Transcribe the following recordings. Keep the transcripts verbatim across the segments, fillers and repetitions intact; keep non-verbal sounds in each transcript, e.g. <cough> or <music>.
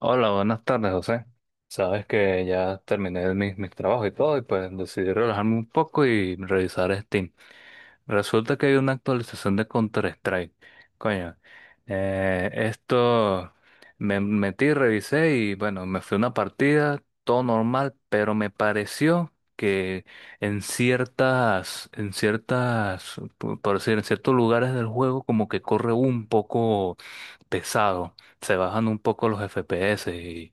Hola, buenas tardes, José. Sabes que ya terminé mis, mis trabajos y todo, y pues decidí relajarme un poco y revisar Steam. Resulta que hay una actualización de Counter-Strike. Coño, eh, esto me metí, revisé y bueno, me fui a una partida, todo normal, pero me pareció que en ciertas, en ciertas, por por decir, en ciertos lugares del juego, como que corre un poco pesado, se bajan un poco los F P S y,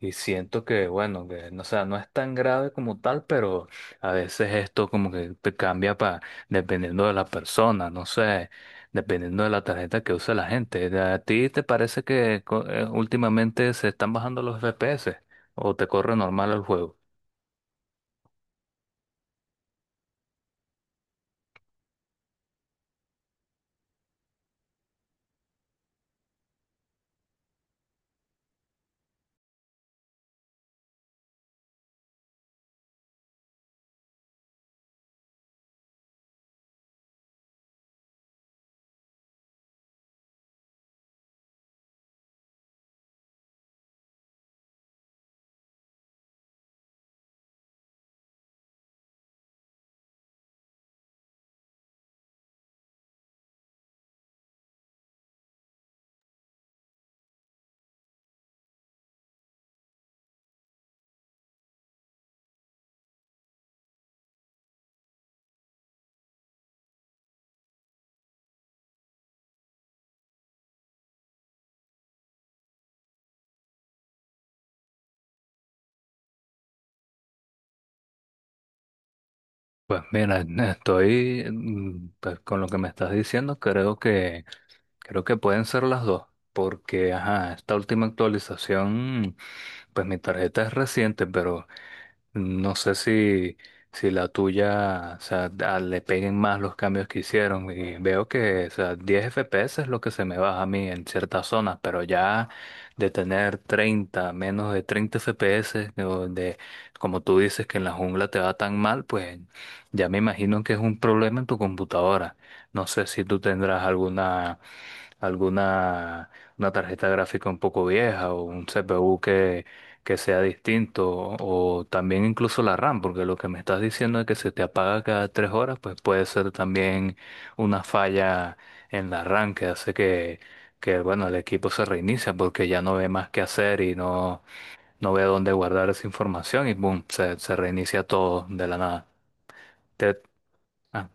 y siento que, bueno, que no, o sea, no es tan grave como tal, pero a veces esto como que te cambia para, dependiendo de la persona, no sé, dependiendo de la tarjeta que usa la gente. ¿A ti te parece que co- eh, últimamente se están bajando los F P S o te corre normal el juego? Pues mira, estoy mm, pues, con lo que me estás diciendo, creo que creo que pueden ser las dos, porque ajá, esta última actualización. Pues mi tarjeta es reciente, pero no sé si, si la tuya, o sea, a- le peguen más los cambios que hicieron. Y veo que, o sea, diez F P S es lo que se me baja a mí en ciertas zonas, pero ya de tener treinta, menos de treinta F P S, o de, como tú dices que en la jungla te va tan mal, pues ya me imagino que es un problema en tu computadora. No sé si tú tendrás alguna alguna una tarjeta gráfica un poco vieja o un C P U que, que sea distinto o también incluso la RAM, porque lo que me estás diciendo es que se te apaga cada tres horas, pues puede ser también una falla en la RAM que hace que, que bueno, el equipo se reinicia porque ya no ve más qué hacer y no, no ve dónde guardar esa información y boom, se, se reinicia todo de la nada. Te- ah.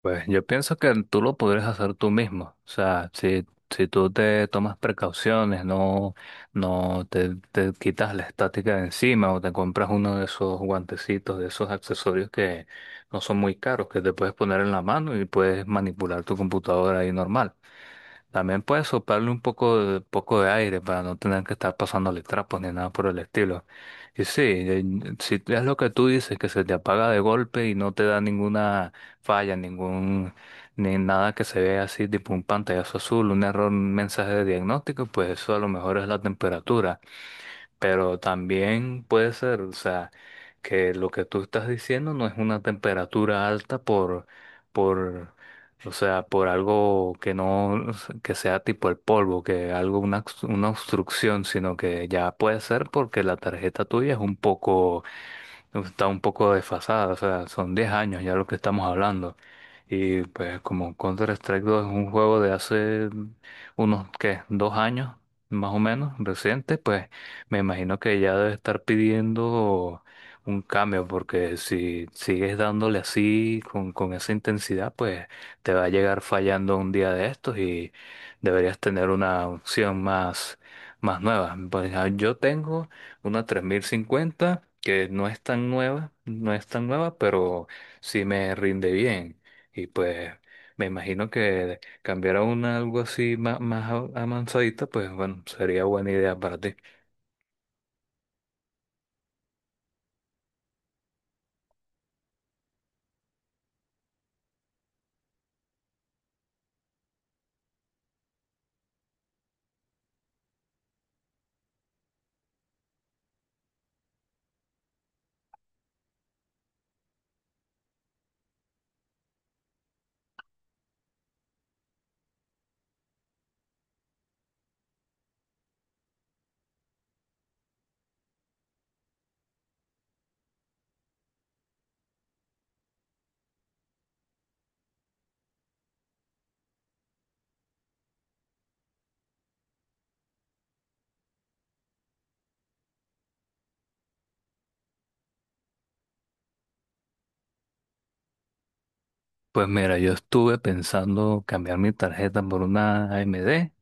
Pues yo pienso que tú lo podrías hacer tú mismo. O sea, si, si tú te tomas precauciones, no, no te, te quitas la estática de encima o te compras uno de esos guantecitos, de esos accesorios que no son muy caros, que te puedes poner en la mano y puedes manipular tu computadora ahí normal. También puedes soplarle un poco de, poco de aire para no tener que estar pasándole trapos ni nada por el estilo. Y sí, eh, si es lo que tú dices, que se te apaga de golpe y no te da ninguna falla, ningún, ni nada que se vea así, tipo un pantallazo azul, un error, un mensaje de diagnóstico, pues eso a lo mejor es la temperatura. Pero también puede ser, o sea, que lo que tú estás diciendo no es una temperatura alta por, por, o sea, por algo que no, que sea tipo el polvo, que algo, una, obs- una obstrucción, sino que ya puede ser porque la tarjeta tuya es un poco está un poco desfasada, o sea, son diez años ya lo que estamos hablando. Y pues como Counter-Strike dos es un juego de hace unos, ¿qué? Dos años, más o menos, reciente, pues me imagino que ya debe estar pidiendo un cambio, porque si sigues dándole así, con, con esa intensidad, pues te va a llegar fallando un día de estos y deberías tener una opción más, más nueva. Pues ah, yo tengo una tres mil cincuenta que no es tan nueva, no es tan nueva, pero sí me rinde bien. Y pues me imagino que cambiar a una algo así más, más a- avanzadita, pues bueno, sería buena idea para ti. Pues mira, yo estuve pensando cambiar mi tarjeta por una A M D.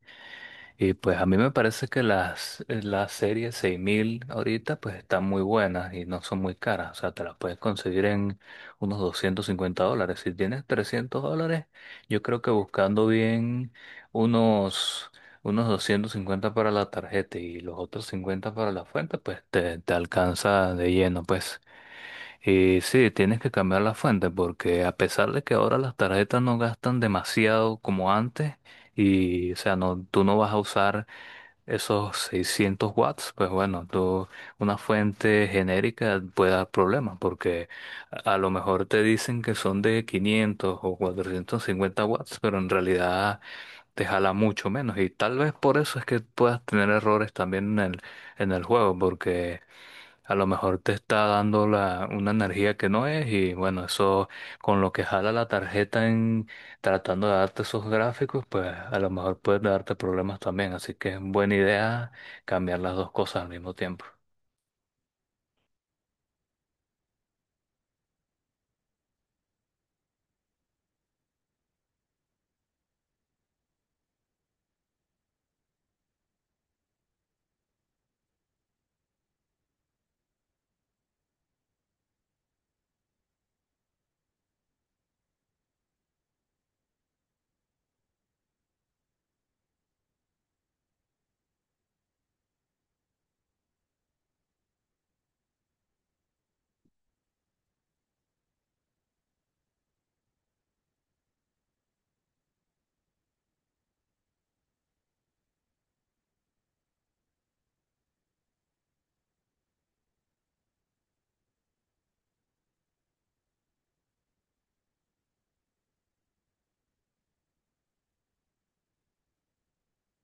Y pues a mí me parece que las, eh, las series seis mil ahorita pues están muy buenas y no son muy caras. O sea, te las puedes conseguir en unos doscientos cincuenta dólares. Si tienes trescientos dólares, yo creo que buscando bien unos, unos doscientos cincuenta para la tarjeta y los otros cincuenta para la fuente, pues te, te alcanza de lleno. Pues y sí, tienes que cambiar la fuente porque a pesar de que ahora las tarjetas no gastan demasiado como antes y o sea, no, tú no vas a usar esos seiscientos watts, pues bueno, tú, una fuente genérica puede dar problemas porque a a lo mejor te dicen que son de quinientos o cuatrocientos cincuenta watts, pero en realidad te jala mucho menos y tal vez por eso es que puedas tener errores también en el, en el juego porque a lo mejor te está dando la, una energía que no es y bueno, eso con lo que jala la tarjeta en tratando de darte esos gráficos, pues a lo mejor puede darte problemas también. Así que es buena idea cambiar las dos cosas al mismo tiempo.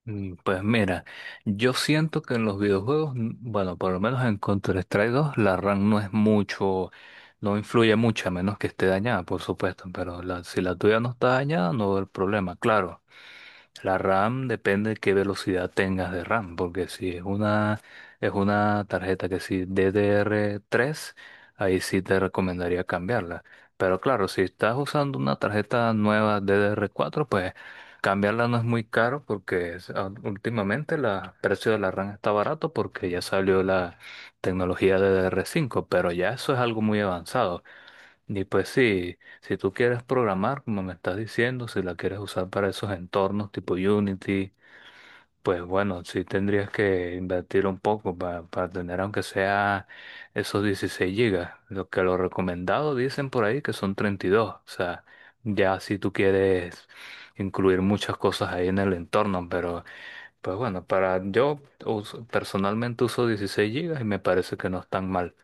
Mm, Pues mira, yo siento que en los videojuegos, mm, bueno, por lo menos en Counter-Strike dos la RAM no es mucho, no influye mucho, a menos que esté dañada, por supuesto, pero la- si la tuya no está dañada, no va a problema, claro. La RAM depende de qué velocidad tengas de RAM, porque si es una, es una tarjeta que si D D R tres, ahí sí te recomendaría cambiarla. Pero claro, si estás usando una tarjeta nueva D D R cuatro, pues cambiarla no es muy caro porque es- ah, últimamente la- el precio de la RAM está barato porque ya salió la tecnología D D R cinco, pero ya eso es algo muy avanzado. Y pues sí, si tú quieres programar, como me estás diciendo, si la quieres usar para esos entornos tipo Unity, pues bueno, sí tendrías que invertir un poco para, para tener aunque sea esos dieciséis gigas. Lo que lo recomendado dicen por ahí que son treinta y dos. O sea, ya si tú quieres incluir muchas cosas ahí en el entorno, pero pues bueno, para yo uso- personalmente uso dieciséis gigas y me parece que no es tan mal.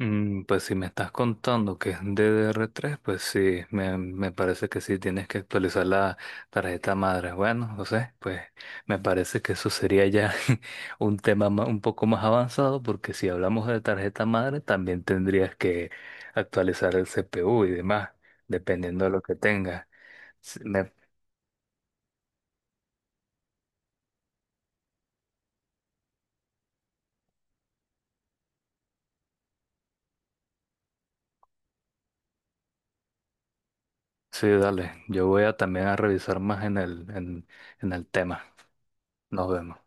Mm, Pues si me estás contando que es D D R tres, pues sí, me, me parece que sí tienes que actualizar la tarjeta madre. Bueno, no sé, pues me parece que eso sería ya <laughs> un tema ma- un poco más avanzado, porque si hablamos de tarjeta madre, también tendrías que actualizar el C P U y demás, dependiendo de lo que tengas. Sí, me- sí, dale, yo voy a también a revisar más en el, en, en el tema. Nos vemos.